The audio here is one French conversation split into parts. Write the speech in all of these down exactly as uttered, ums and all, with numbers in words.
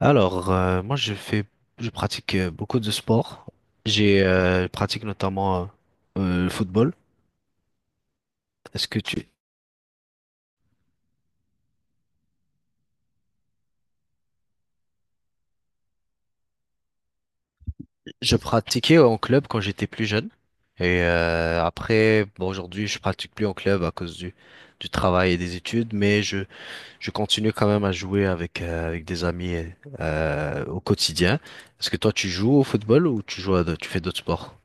Alors, euh, moi, je fais, je pratique euh, beaucoup de sports. J'ai, euh, je pratique notamment euh, euh, le football. Est-ce que tu... Je pratiquais en club quand j'étais plus jeune. Et euh, après, bon, aujourd'hui, je pratique plus en club à cause du, du travail et des études, mais je, je continue quand même à jouer avec, euh, avec des amis euh, au quotidien. Est-ce que toi, tu joues au football ou tu joues à, d'autres- tu fais d'autres sports?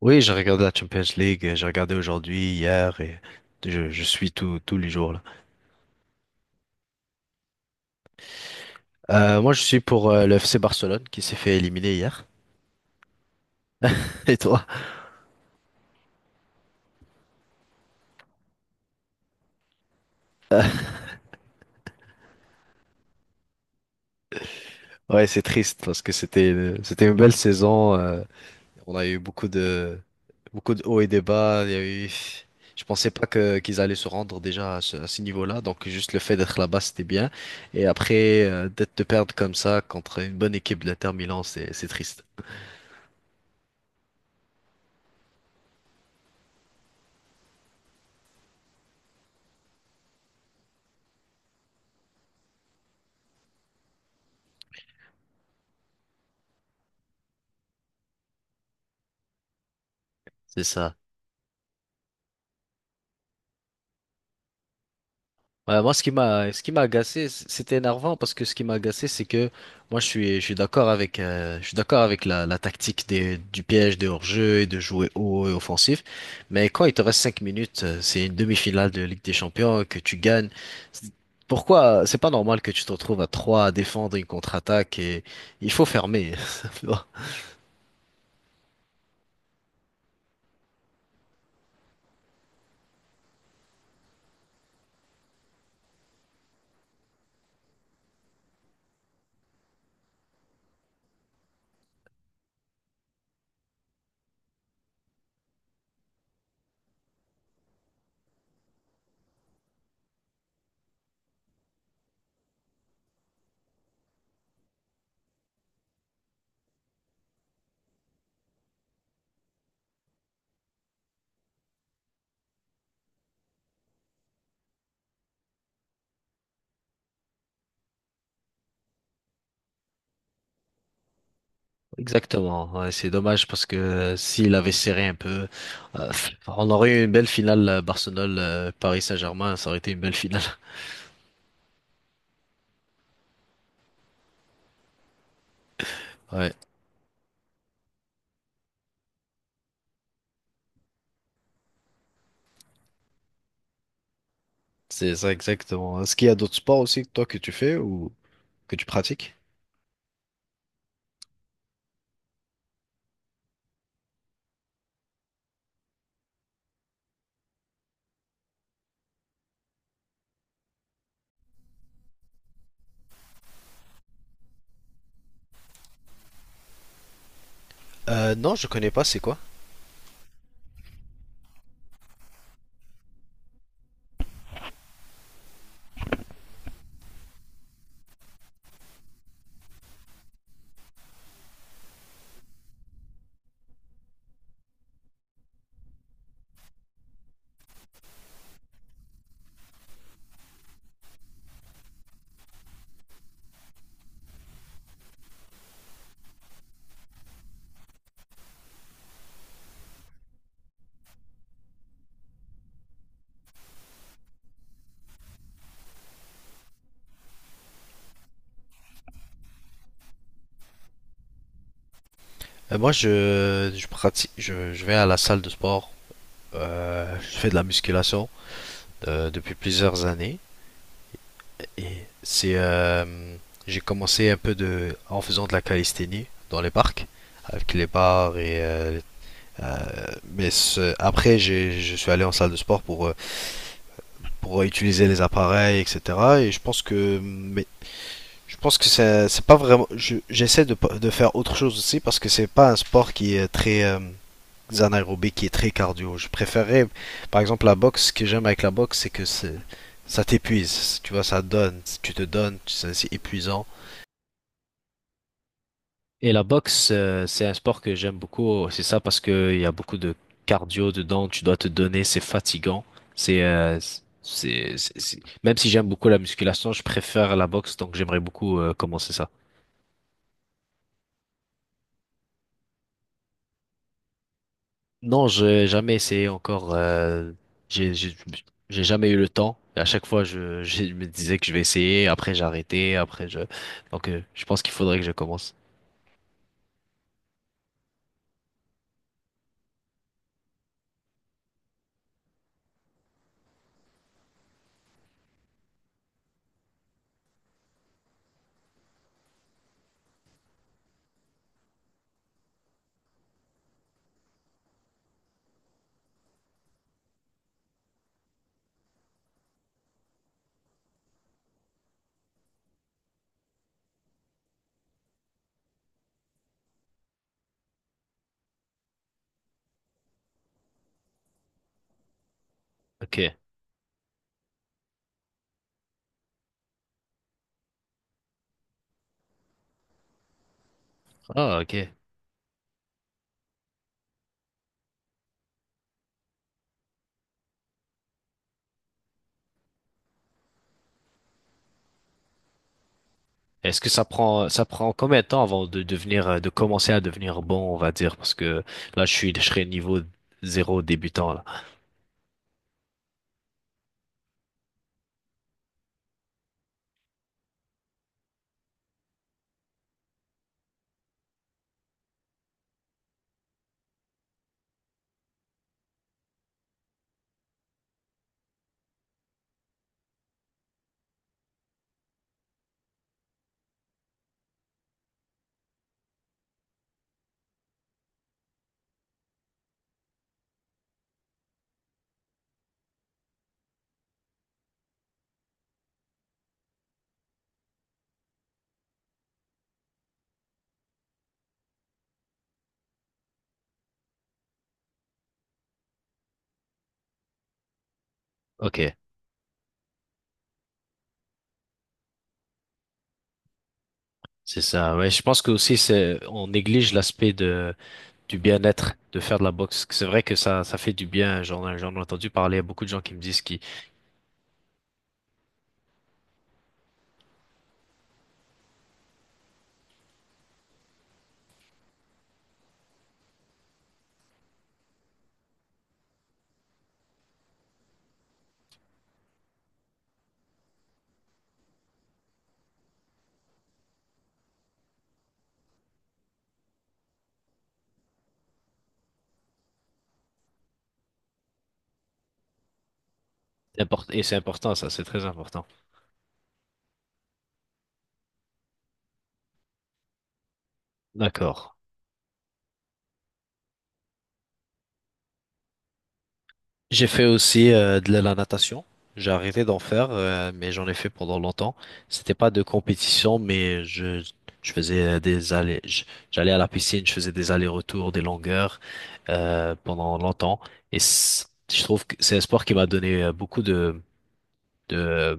Oui, j'ai regardé la Champions League, j'ai regardé aujourd'hui, hier, et je, je suis tout, tous les jours là. Euh, moi, je suis pour euh, le F C Barcelone qui s'est fait éliminer hier. Et toi? Ouais, c'est triste parce que c'était euh, c'était une belle saison. Euh, on a eu beaucoup de beaucoup de hauts et des bas. Il y a eu, Je pensais pas que qu'ils allaient se rendre déjà à ce, à ce niveau-là. Donc juste le fait d'être là-bas, c'était bien. Et après euh, d'être de perdre comme ça contre une bonne équipe de l'Inter Milan, c'est c'est triste. C'est ça. Ouais, moi, ce qui m'a, ce qui m'a agacé, c- c'était énervant parce que ce qui m'a agacé, c'est que moi, je suis, je suis d'accord avec, euh, je suis d'accord avec la, la tactique des, du piège, de hors-jeu et de jouer haut et offensif. Mais quand il te reste cinq minutes, euh, c'est une demi-finale de Ligue des Champions que tu gagnes. C'est- Pourquoi? C'est pas normal que tu te retrouves à trois à défendre une contre-attaque et il faut fermer. Exactement, ouais, c'est dommage parce que euh, s'il avait serré un peu, euh, on aurait eu une belle finale euh, Barcelone-Paris Saint-Germain, ça aurait été une belle finale. Ouais, c'est ça exactement. Est-ce qu'il y a d'autres sports aussi que toi que tu fais ou que tu pratiques? Euh, non, je connais pas, c'est quoi? Euh, moi, je, je pratique, je, je vais à la salle de sport, euh, je fais de la musculation euh, depuis plusieurs années et c'est, euh, j'ai commencé un peu de, en faisant de la calisthénie dans les parcs avec les barres et euh, mais ce- après, j'ai, je suis allé en salle de sport pour, euh, pour utiliser les appareils, et cetera. Et je pense que, mais je pense que c'est, c'est pas vraiment. Je- j'essaie de, pas- de faire autre chose aussi parce que c'est pas un sport qui est très euh, anaérobique, qui est très cardio. Je préférais, par exemple, la boxe. Ce que j'aime avec la boxe, c'est que c'est, ça t'épuise. Tu vois, ça donne. Tu te donnes. C'est, c'est épuisant. Et la boxe, euh, c'est un sport que j'aime beaucoup. C'est ça parce que il y a beaucoup de cardio dedans. Tu dois te donner. C'est fatigant. C'est, euh, c'est, c'est- c'est- Même si j'aime beaucoup la musculation, je préfère la boxe. Donc j'aimerais beaucoup euh, commencer ça. Non, j'ai jamais essayé encore. euh, j'ai, j'ai, j'ai jamais eu le temps. Et à chaque fois, je, je me disais que je vais essayer. Après, j'ai arrêté. Après, je. Donc, euh, je pense qu'il faudrait que je commence. Ok. Ah, ok. Est-ce que ça prend ça prend combien de temps avant de devenir euh, de commencer à devenir bon, on va dire, parce que là je suis je serais niveau zéro débutant là. Ok, c'est ça. Ouais, je pense que aussi c'est on néglige l'aspect de du bien-être de faire de la boxe. C'est vrai que ça ça fait du bien. J'en j'en ai entendu parler à beaucoup de gens qui me disent qui et c'est important ça, c'est très important. D'accord. J'ai fait aussi euh, de la natation. J'ai arrêté d'en faire, euh, mais j'en ai fait pendant longtemps. C'était pas de compétition, mais je, je faisais euh, des allers, je- j'allais à la piscine, je faisais des allers-retours, des longueurs euh, pendant longtemps. Et c- je trouve que c'est un sport qui m'a donné euh, beaucoup de, de,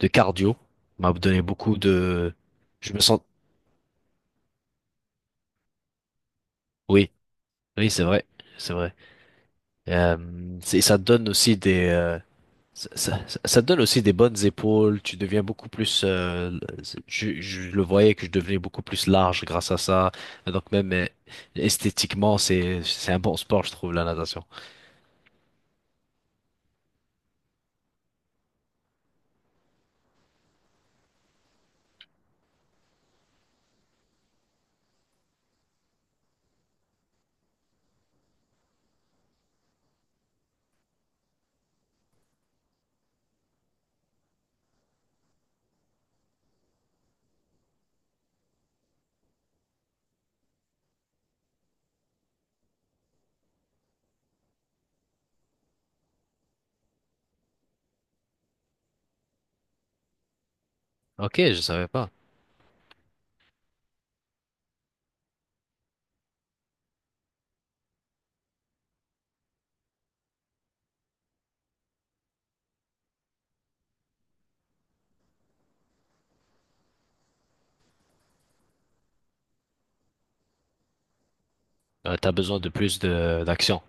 de cardio, m'a donné beaucoup de. Je me sens. Oui, oui, c'est vrai, c'est vrai. Euh, c'est- ça te donne aussi des, euh, Ça, ça- ça- te donne aussi des bonnes épaules, tu deviens beaucoup plus... euh, je, je le voyais que je devenais beaucoup plus large grâce à ça. Donc même euh, esthétiquement, c'est, c'est un bon sport, je trouve, la natation. Ok, je savais pas. Euh, t'as besoin de plus de d'action.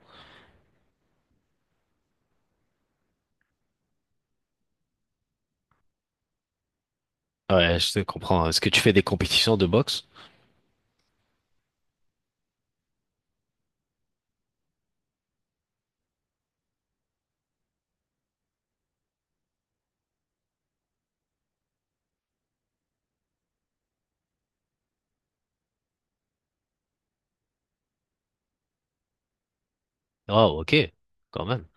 Ouais, je te comprends. Est-ce que tu fais des compétitions de boxe? Oh, ok, quand même.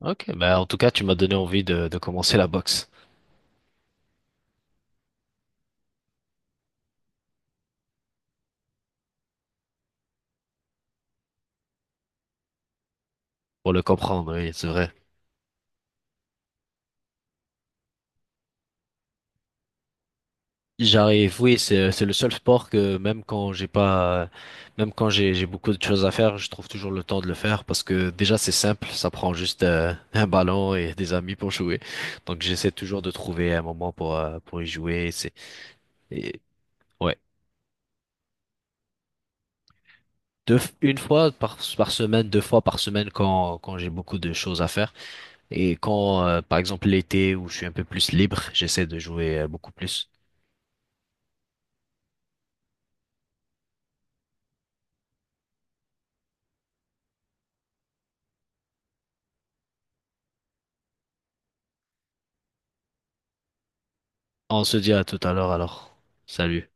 Ok, bah en tout cas, tu m'as donné envie de, de commencer la boxe pour le comprendre, oui, c'est vrai. J'arrive, oui, c'est c'est le seul sport que même quand j'ai pas, même quand j'ai j'ai beaucoup de choses à faire, je trouve toujours le temps de le faire parce que déjà c'est simple, ça prend juste euh, un ballon et des amis pour jouer. Donc j'essaie toujours de trouver un moment pour euh, pour y jouer. C'est et, ouais, deux, une fois par par semaine, deux fois par semaine quand quand j'ai beaucoup de choses à faire et quand euh, par exemple l'été où je suis un peu plus libre, j'essaie de jouer euh, beaucoup plus. On se dit à tout à l'heure alors. Salut.